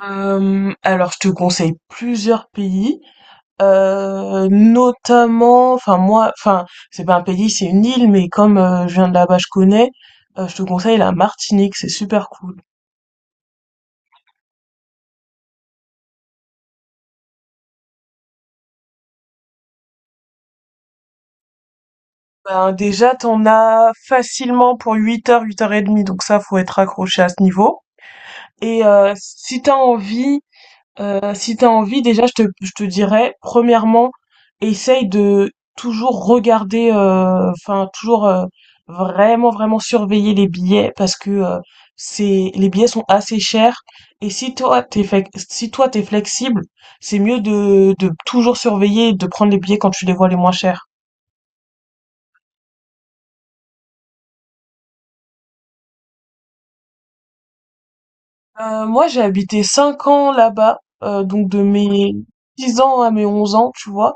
Alors je te conseille plusieurs pays, notamment enfin moi enfin c'est pas un pays, c'est une île, mais comme, je viens de là-bas, je connais, je te conseille la Martinique, c'est super cool. Ben, déjà, t'en as facilement pour 8 heures, 8 heures et demie, donc ça, faut être accroché à ce niveau et si t'as envie. Si t'as envie, déjà, je te dirais, premièrement, essaye de toujours regarder, enfin, toujours vraiment, vraiment surveiller les billets parce que c'est, les billets sont assez chers. Et si toi, t'es, si toi, t'es flexible, c'est mieux de toujours surveiller et de prendre les billets quand tu les vois les moins chers. Moi, j'ai habité 5 ans là-bas, donc de mes 10 ans à mes 11 ans, tu vois.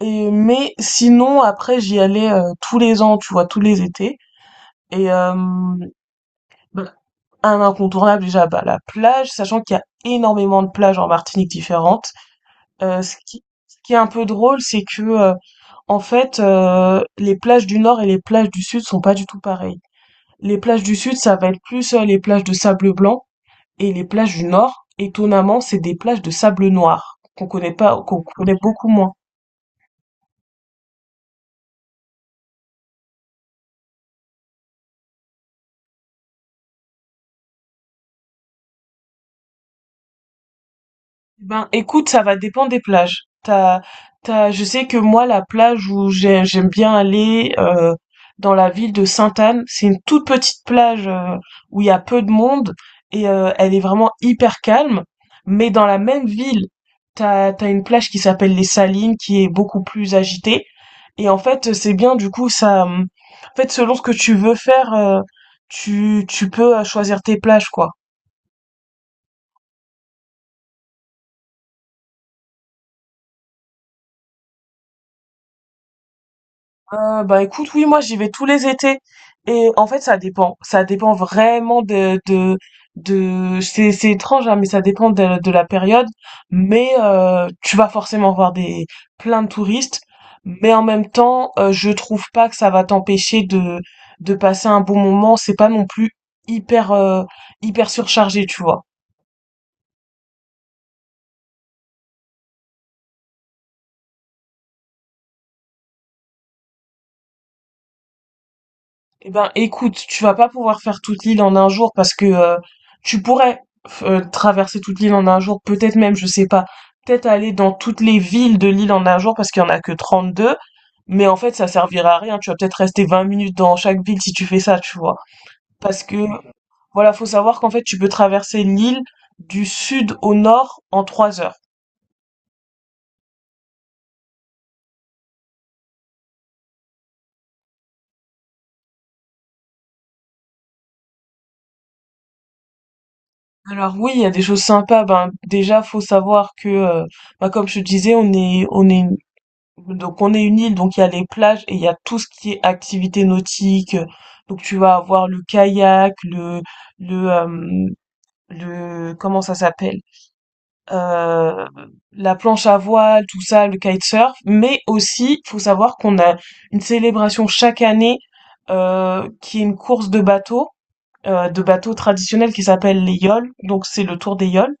Et mais sinon, après, j'y allais, tous les ans, tu vois, tous les étés et hem, bah, un incontournable déjà, bah, la plage, sachant qu'il y a énormément de plages en Martinique différentes. Ce qui est un peu drôle, c'est que, en fait, les plages du nord et les plages du sud sont pas du tout pareilles. Les plages du sud, ça va être plus, les plages de sable blanc et les plages du nord, étonnamment, c'est des plages de sable noir qu'on connaît pas qu'on connaît beaucoup moins. Eh ben, écoute, ça va dépendre des plages. Je sais que moi, la plage où j'aime bien aller, dans la ville de Sainte-Anne, c'est une toute petite plage, où il y a peu de monde et elle est vraiment hyper calme. Mais dans la même ville, t'as une plage qui s'appelle les Salines, qui est beaucoup plus agitée. Et en fait, c'est bien, du coup, ça, en fait, selon ce que tu veux faire, tu peux choisir tes plages, quoi. Bah, écoute, oui, moi, j'y vais tous les étés et en fait, ça dépend. Ça dépend vraiment de c'est étrange, hein, mais ça dépend de la période. Mais tu vas forcément voir des plein de touristes, mais en même temps, je trouve pas que ça va t'empêcher de passer un bon moment. C'est pas non plus hyper, heu, hyper surchargé, tu vois? Eh ben, écoute, tu vas pas pouvoir faire toute l'île en un jour parce que tu pourrais traverser toute l'île en un jour, peut-être même, je sais pas, peut-être aller dans toutes les villes de l'île en un jour parce qu'il y en a que 32, mais en fait, ça servira à rien. Tu vas peut-être rester 20 minutes dans chaque ville si tu fais ça, tu vois. Parce que, voilà, faut savoir qu'en fait, tu peux traverser l'île du sud au nord en 3 heures. Alors oui, il y a des choses sympas. Ben déjà, faut savoir que, bah, comme je te disais, on est Donc on est une île, donc il y a les plages et il y a tout ce qui est activité nautique. Donc tu vas avoir le kayak, le euh, le comment ça s'appelle? Euh, la planche à voile, tout ça, le kitesurf. Mais aussi, faut savoir qu'on a une célébration chaque année qui est une course de bateaux, traditionnels qui s'appelle les yoles. Donc c'est le tour des yoles.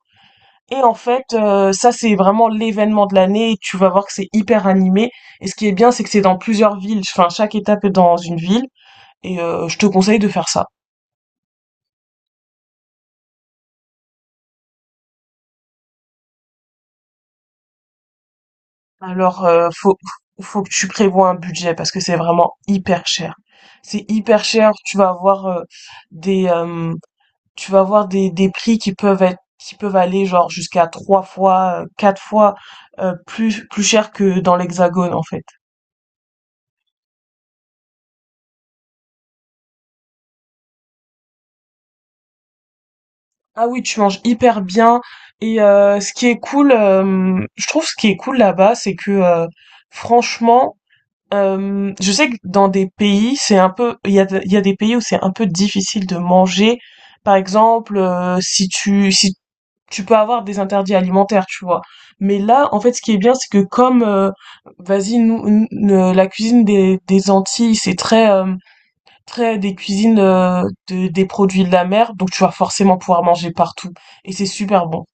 Et en fait, ça c'est vraiment l'événement de l'année, et tu vas voir que c'est hyper animé. Et ce qui est bien, c'est que c'est dans plusieurs villes. Enfin, chaque étape est dans une ville. Et je te conseille de faire ça. Alors, faut que tu prévois un budget parce que c'est vraiment hyper cher. C'est hyper cher. Des euh, tu vas avoir des prix qui peuvent aller genre jusqu'à 3 fois, 4 fois plus cher que dans l'Hexagone en fait. Ah oui, tu manges hyper bien. Et ce qui est cool, je trouve ce qui est cool là-bas, c'est que franchement, je sais que dans des pays, c'est un peu, il y a des pays où c'est un peu difficile de manger. Par exemple, si tu peux avoir des interdits alimentaires, tu vois. Mais là, en fait, ce qui est bien, c'est que comme, vas-y, la cuisine des Antilles, c'est très, après, des cuisines, de des produits de la mer, donc tu vas forcément pouvoir manger partout et c'est super bon.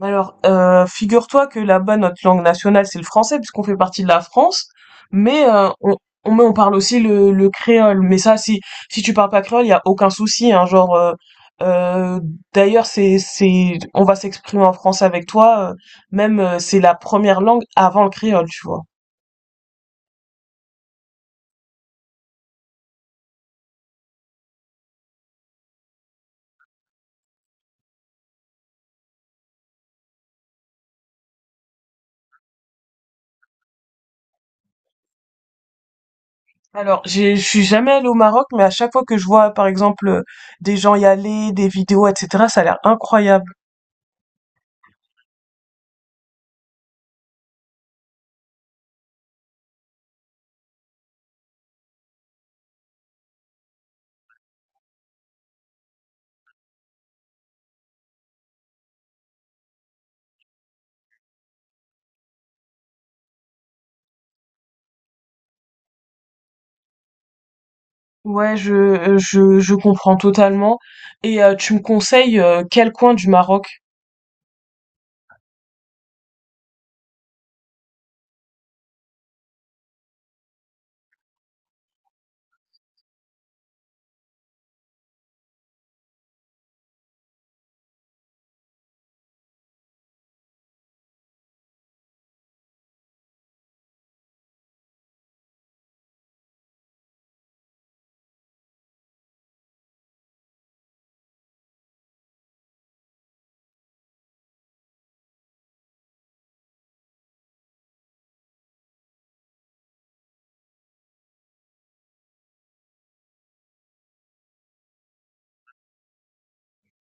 Alors, figure-toi que là-bas, notre langue nationale, c'est le français puisqu'on fait partie de la France, mais heu, on mais on parle aussi le créole, mais ça, si tu parles pas créole, il y a aucun souci, hein, genre, heu, d'ailleurs, c'est on va s'exprimer en français avec toi, même, c'est la première langue avant le créole, tu vois? Alors, je suis jamais allée au Maroc, mais à chaque fois que je vois, par exemple, des gens y aller, des vidéos, etc., ça a l'air incroyable. Ouais, je comprends totalement. Et tu me conseilles quel coin du Maroc?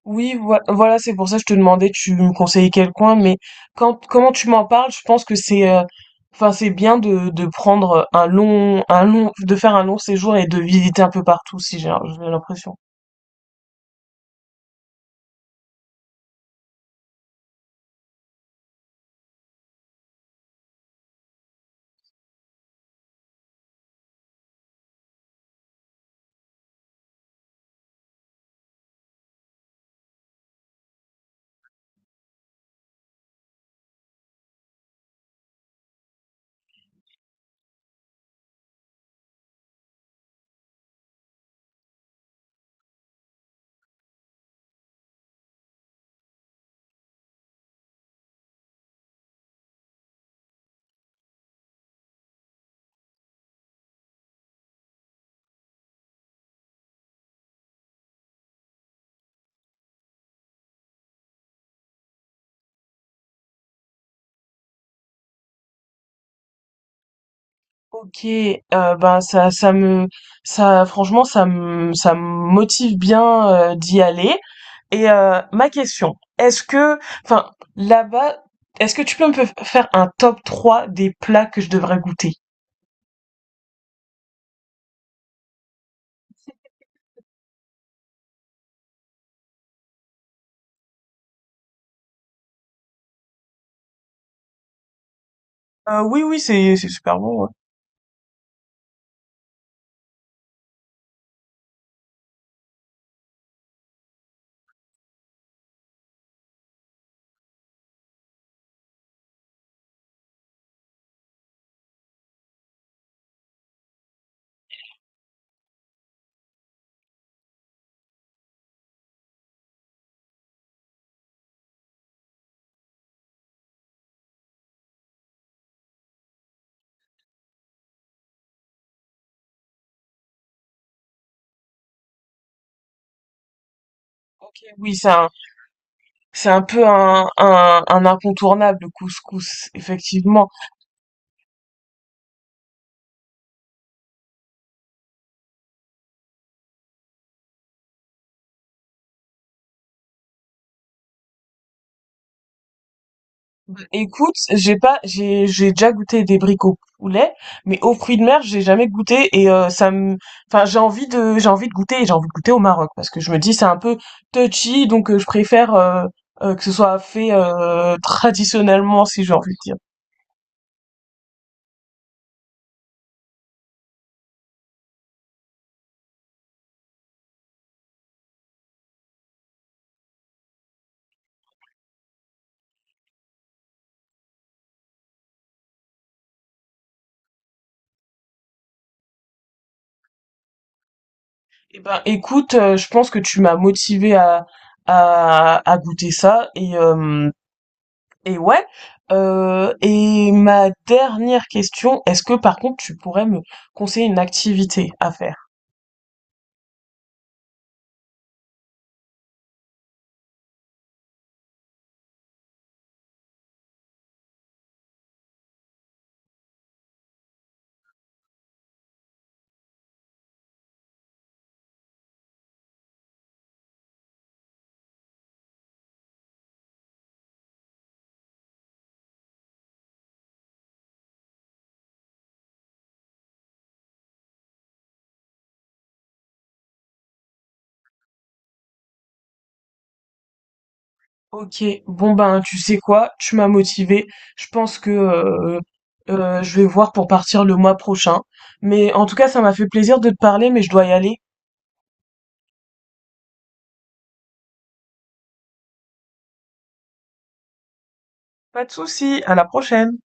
Oui, voilà, c'est pour ça que je te demandais, tu me conseillais quel coin, mais quand, comment tu m'en parles, je pense que c'est, enfin, c'est bien de prendre un long, de faire un long séjour et de visiter un peu partout, si j'ai j'ai l'impression. Ok, ben ça, ça, franchement, ça me motive bien d'y aller. Et ma question, est-ce que, enfin, là-bas, est-ce que tu peux me faire un top 3 des plats que je devrais goûter? Oui, oui, c'est super bon. Ouais. Ok, oui, c'est un peu un incontournable, le couscous, effectivement. Bah, écoute, j'ai pas, j'ai déjà goûté des briques au poulet, mais aux fruits de mer, j'ai jamais goûté et enfin, j'ai envie de goûter et j'ai envie de goûter au Maroc parce que je me dis c'est un peu touchy, donc je préfère que ce soit fait traditionnellement, si j'ai envie de dire. Eh ben, écoute, je pense que tu m'as motivé à goûter ça. Et ouais. Et ma dernière question, est-ce que par contre tu pourrais me conseiller une activité à faire? Ok, bon ben tu sais quoi, tu m'as motivé. Je pense que je vais voir pour partir le mois prochain. Mais en tout cas, ça m'a fait plaisir de te parler, mais je dois y aller. Pas de souci, à la prochaine.